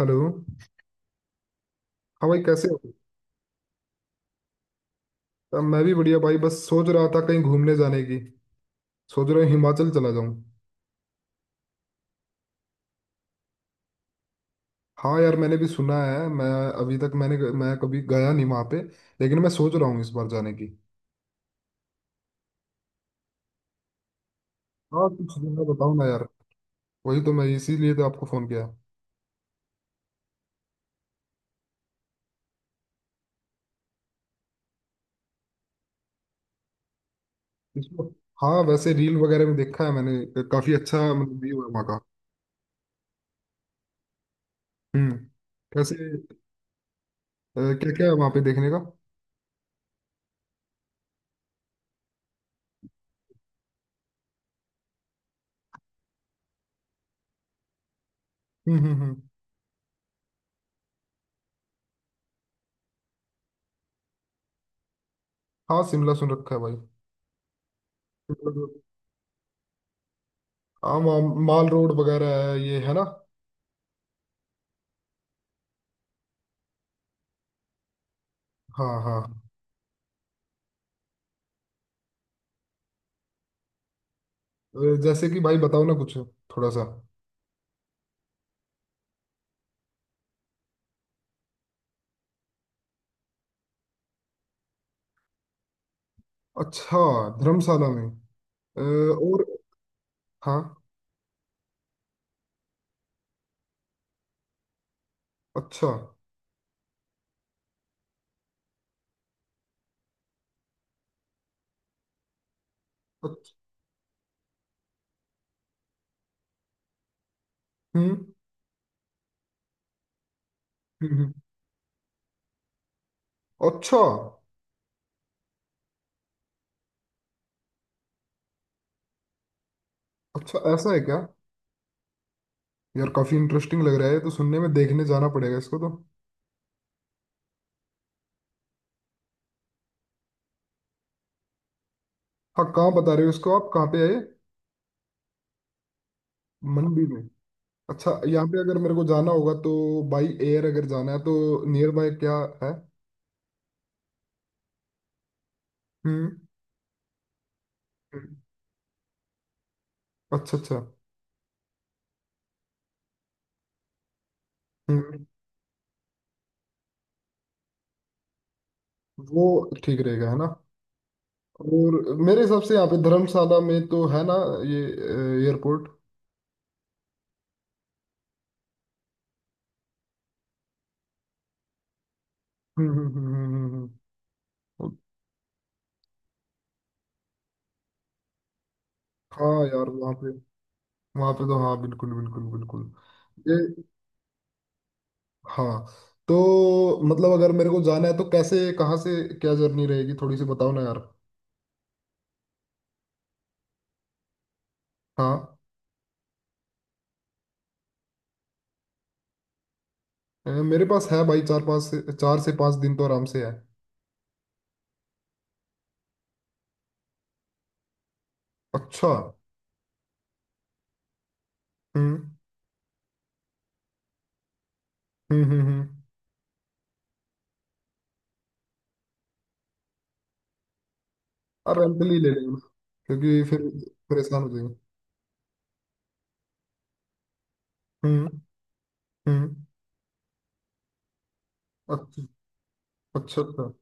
Hello. हाँ भाई कैसे हो। अब मैं भी बढ़िया भाई, बस सोच रहा था कहीं घूमने जाने की। सोच रहा हूँ हिमाचल चला जाऊँ। हाँ यार, मैंने भी सुना है। मैं अभी तक मैंने मैं कभी गया नहीं वहाँ पे। लेकिन मैं सोच रहा हूँ इस बार जाने की। हाँ, कुछ जगह बताओ ना यार। वही तो मैं, इसीलिए तो आपको फोन किया। इसको, हाँ वैसे रील वगैरह में देखा है मैंने, काफी अच्छा मतलब व्यू है वहाँ का। हम्म। कैसे? क्या क्या है वहाँ पे देखने का? हम्म। हम्म। हम्म। हाँ, शिमला सुन रखा है भाई। शिमला तो- हाँ, माल रोड वगैरह है ये, है ना? हाँ, हाँ। जैसे कि भाई बताओ ना कुछ थोड़ा सा। अच्छा। धर्मशाला में। और? हाँ। अच्छा, अच्छा। हम्म। हम्म। हम्म। अच्छा, अच्छा ऐसा है क्या? यार, काफी इंटरेस्टिंग लग रहा है ये तो सुनने में, देखने जाना पड़ेगा इसको तो। हाँ, कहाँ बता रहे हो इसको, आप कहाँ पे आए? मंडी में। अच्छा, यहाँ पे अगर मेरे को जाना होगा तो बाई एयर, अगर जाना है तो। नियर बाय क्या है? हम्म। हम्म। अच्छा, अच्छा। हम्म वो ठीक रहेगा है ना? और मेरे हिसाब से यहाँ पे धर्मशाला में तो है ना, ये एयरपोर्ट। हम्म। हम्म। हम्म। हम्म। हम्म। हम्म। हाँ यार, वहाँ पे तो हाँ, बिल्कुल बिल्कुल बिल्कुल। ये, हाँ। तो मतलब अगर मेरे को जाना है तो कैसे, कहाँ से, क्या जर्नी रहेगी, थोड़ी सी बताओ ना यार। हाँ। मेरे पास है भाई, 4 से 5 दिन तो आराम से है। अच्छा। हम्म। हम्म। हम्म। हम्म। अब रेंट ले लेंगे ना, क्योंकि फिर परेशान हो जाएंगे। हम्म। हम्म। अच्छा, अच्छा, अच्छा।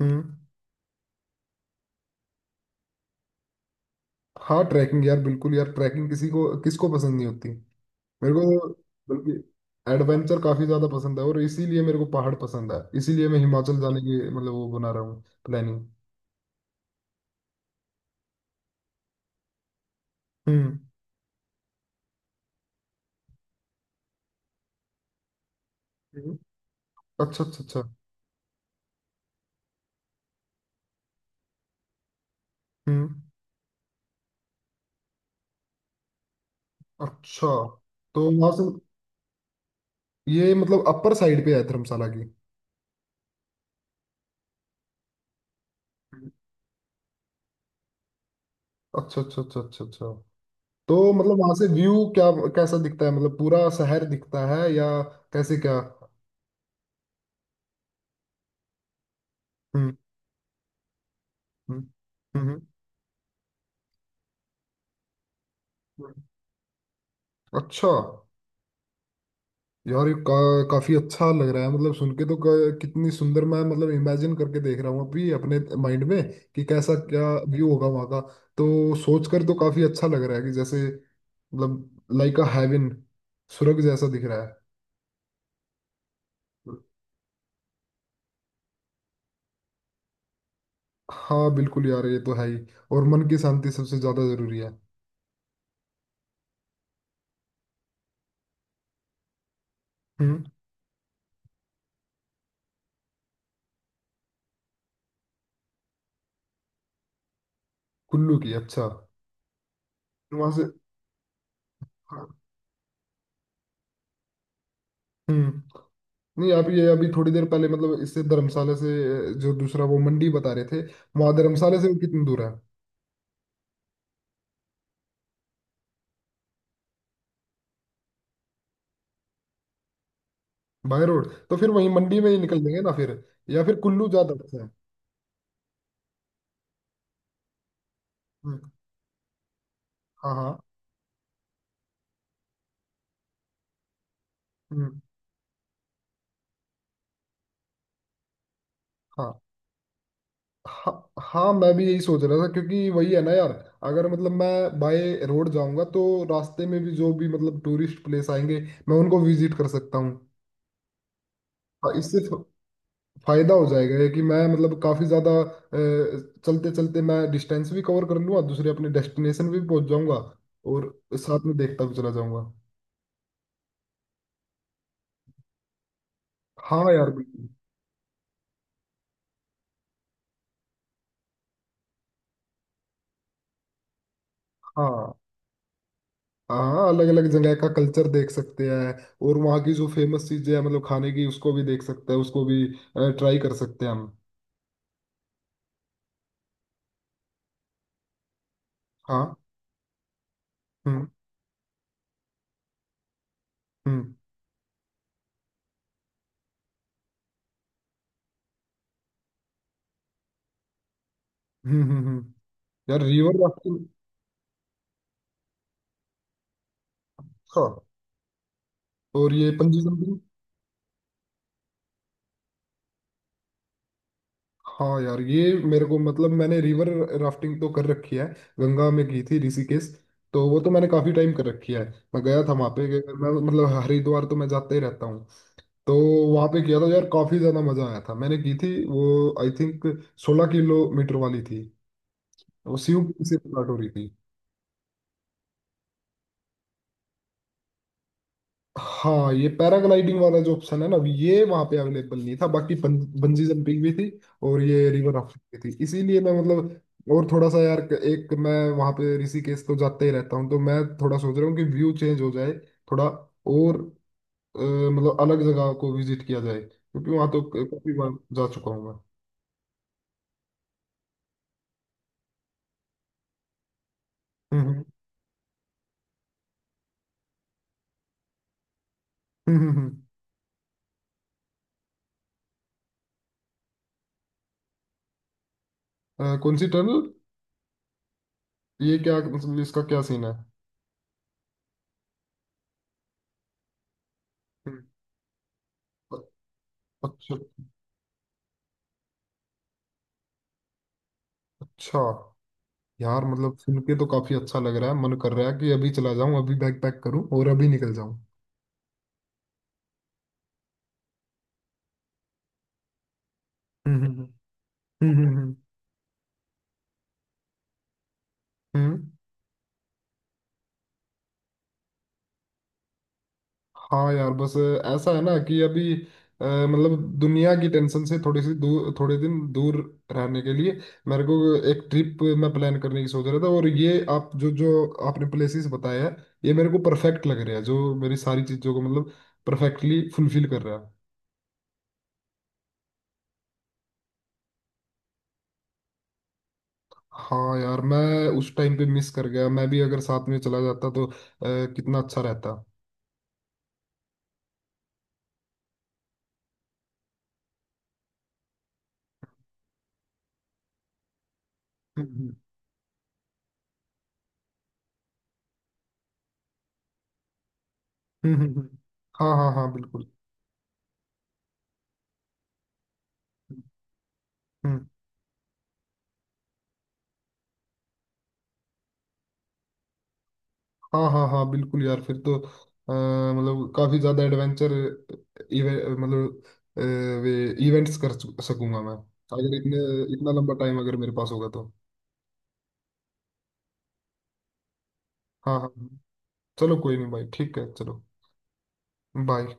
हम्म। हाँ, ट्रैकिंग यार, बिल्कुल यार, ट्रैकिंग किसी को किसको पसंद नहीं होती। मेरे को तो बल्कि एडवेंचर काफी ज्यादा पसंद है, और इसीलिए मेरे को पहाड़ पसंद है, इसीलिए मैं हिमाचल जाने की मतलब वो बना रहा हूँ, प्लानिंग। हम्म। हम्म। अच्छा, अच्छा, अच्छा। हम्म। अच्छा, तो वहां से ये मतलब अपर साइड पे है धर्मशाला की? हम्म। अच्छा, अच्छा, अच्छा, अच्छा, अच्छा। तो मतलब वहां से व्यू क्या कैसा दिखता है? मतलब पूरा शहर दिखता है या कैसे, क्या? हम्म। हम्म। हम्म। हम्म। अच्छा यार, ये काफी अच्छा लग रहा है मतलब सुन के तो, कितनी सुंदर, मैं मतलब इमेजिन करके देख रहा हूँ अभी अपने माइंड में, कि कैसा, क्या व्यू होगा वहाँ का। तो सोच कर तो काफी अच्छा लग रहा है कि जैसे मतलब, लाइक अ हेवन, स्वर्ग जैसा दिख रहा है। हाँ बिल्कुल यार, ये तो है ही। और मन की शांति सबसे ज्यादा जरूरी है। हम्म। कुल्लू की? अच्छा। वहां से। हाँ। हम्म। नहीं आप ये अभी थोड़ी देर पहले मतलब इससे, धर्मशाला से, जो दूसरा वो मंडी बता रहे थे, वहां धर्मशाला से वो कितनी दूर है? बाय रोड तो फिर वहीं मंडी में ही निकल लेंगे ना फिर, या फिर कुल्लू ज्यादा अच्छा है? हम्म। हाँ, हाँ। हम्म। हाँ, हाँ। हाँ, मैं भी यही सोच रहा था, क्योंकि वही है ना यार, अगर मतलब मैं बाय रोड जाऊंगा तो रास्ते में भी जो भी मतलब टूरिस्ट प्लेस आएंगे, मैं उनको विजिट कर सकता हूँ। हाँ, इससे फायदा हो जाएगा ये, कि मैं मतलब काफी ज्यादा, चलते चलते मैं डिस्टेंस भी कवर कर लूंगा, दूसरे अपने डेस्टिनेशन भी पहुंच जाऊंगा। और साथ में देखता भी चला जाऊंगा। हाँ यार, बिल्कुल। हाँ, हाँ। अलग अलग जगह का कल्चर देख सकते हैं। और वहाँ की जो फेमस चीजें हैं मतलब खाने की, उसको भी देख सकते हैं, उसको भी ट्राई कर सकते हैं हम। हाँ। हम्म। हम्म। हम्म। हम्म। हम्म। यार, रिवर राफ्टिंग। हाँ। और ये पंजी जंपिंग? हाँ यार, ये मेरे को मतलब मैंने रिवर राफ्टिंग तो कर रखी है, गंगा में की थी, ऋषिकेश। तो वो तो मैंने काफी टाइम कर रखी है, मैं गया था वहाँ पे। मैं मतलब हरिद्वार तो मैं जाता ही रहता हूँ, तो वहाँ पे किया था यार, काफी ज्यादा मजा आया था, मैंने की थी वो, आई थिंक 16 किलोमीटर वाली थी, वो सीयू से स्टार्ट हो रही थी। हाँ, ये पैराग्लाइडिंग वाला जो ऑप्शन है ना, ये वहाँ पे अवेलेबल नहीं था, बाकी बंजी जंपिंग भी थी और ये रिवर राफ्टिंग भी थी, इसीलिए मैं मतलब, और थोड़ा सा यार, एक मैं। वहाँ पे ऋषिकेश तो जाते ही रहता हूँ, तो मैं थोड़ा सोच रहा हूँ कि व्यू चेंज हो जाए थोड़ा, और मतलब अलग जगह को विजिट किया जाए, क्योंकि वहाँ तो काफी बार जा चुका हूँ मैं। हम्म। हम्म। हम्म। हम्म। हम्म। कौन सी टनल? ये क्या मतलब, इसका क्या सीन है? हम्म। अ- अच्छा, अच्छा। यार मतलब सुन के तो काफी अच्छा लग रहा है, मन कर रहा है कि अभी चला जाऊं, अभी बैग पैक करूं और अभी निकल जाऊं। हम्म। हम्म। हम्म। हम्म। हम्म। हम्म। हम्म। हाँ यार बस, ऐसा है ना कि अभी मतलब दुनिया की टेंशन से थोड़ी सी दूर, थोड़े दिन दूर रहने के लिए मेरे को एक ट्रिप मैं प्लान करने की सोच रहा था, और ये आप जो जो आपने प्लेसेस बताया है, ये मेरे को परफेक्ट लग रहा है, जो मेरी सारी चीज़ों को मतलब परफेक्टली फुलफिल कर रहा है। हाँ यार, मैं उस टाइम पे मिस कर गया, मैं भी अगर साथ में चला जाता तो कितना अच्छा रहता। हम्म। हम्म। हम्म। हम्म। हम्म। हाँ, हाँ, हाँ, बिल्कुल। हम्म। हाँ, हाँ, हाँ, बिल्कुल यार, फिर तो मतलब काफी ज्यादा एडवेंचर मतलब अ, वे इवेंट्स कर सकूंगा मैं, अगर इतने इतना लंबा टाइम अगर मेरे पास होगा तो। हाँ, हाँ, हाँ। चलो कोई नहीं भाई, ठीक है, चलो बाय।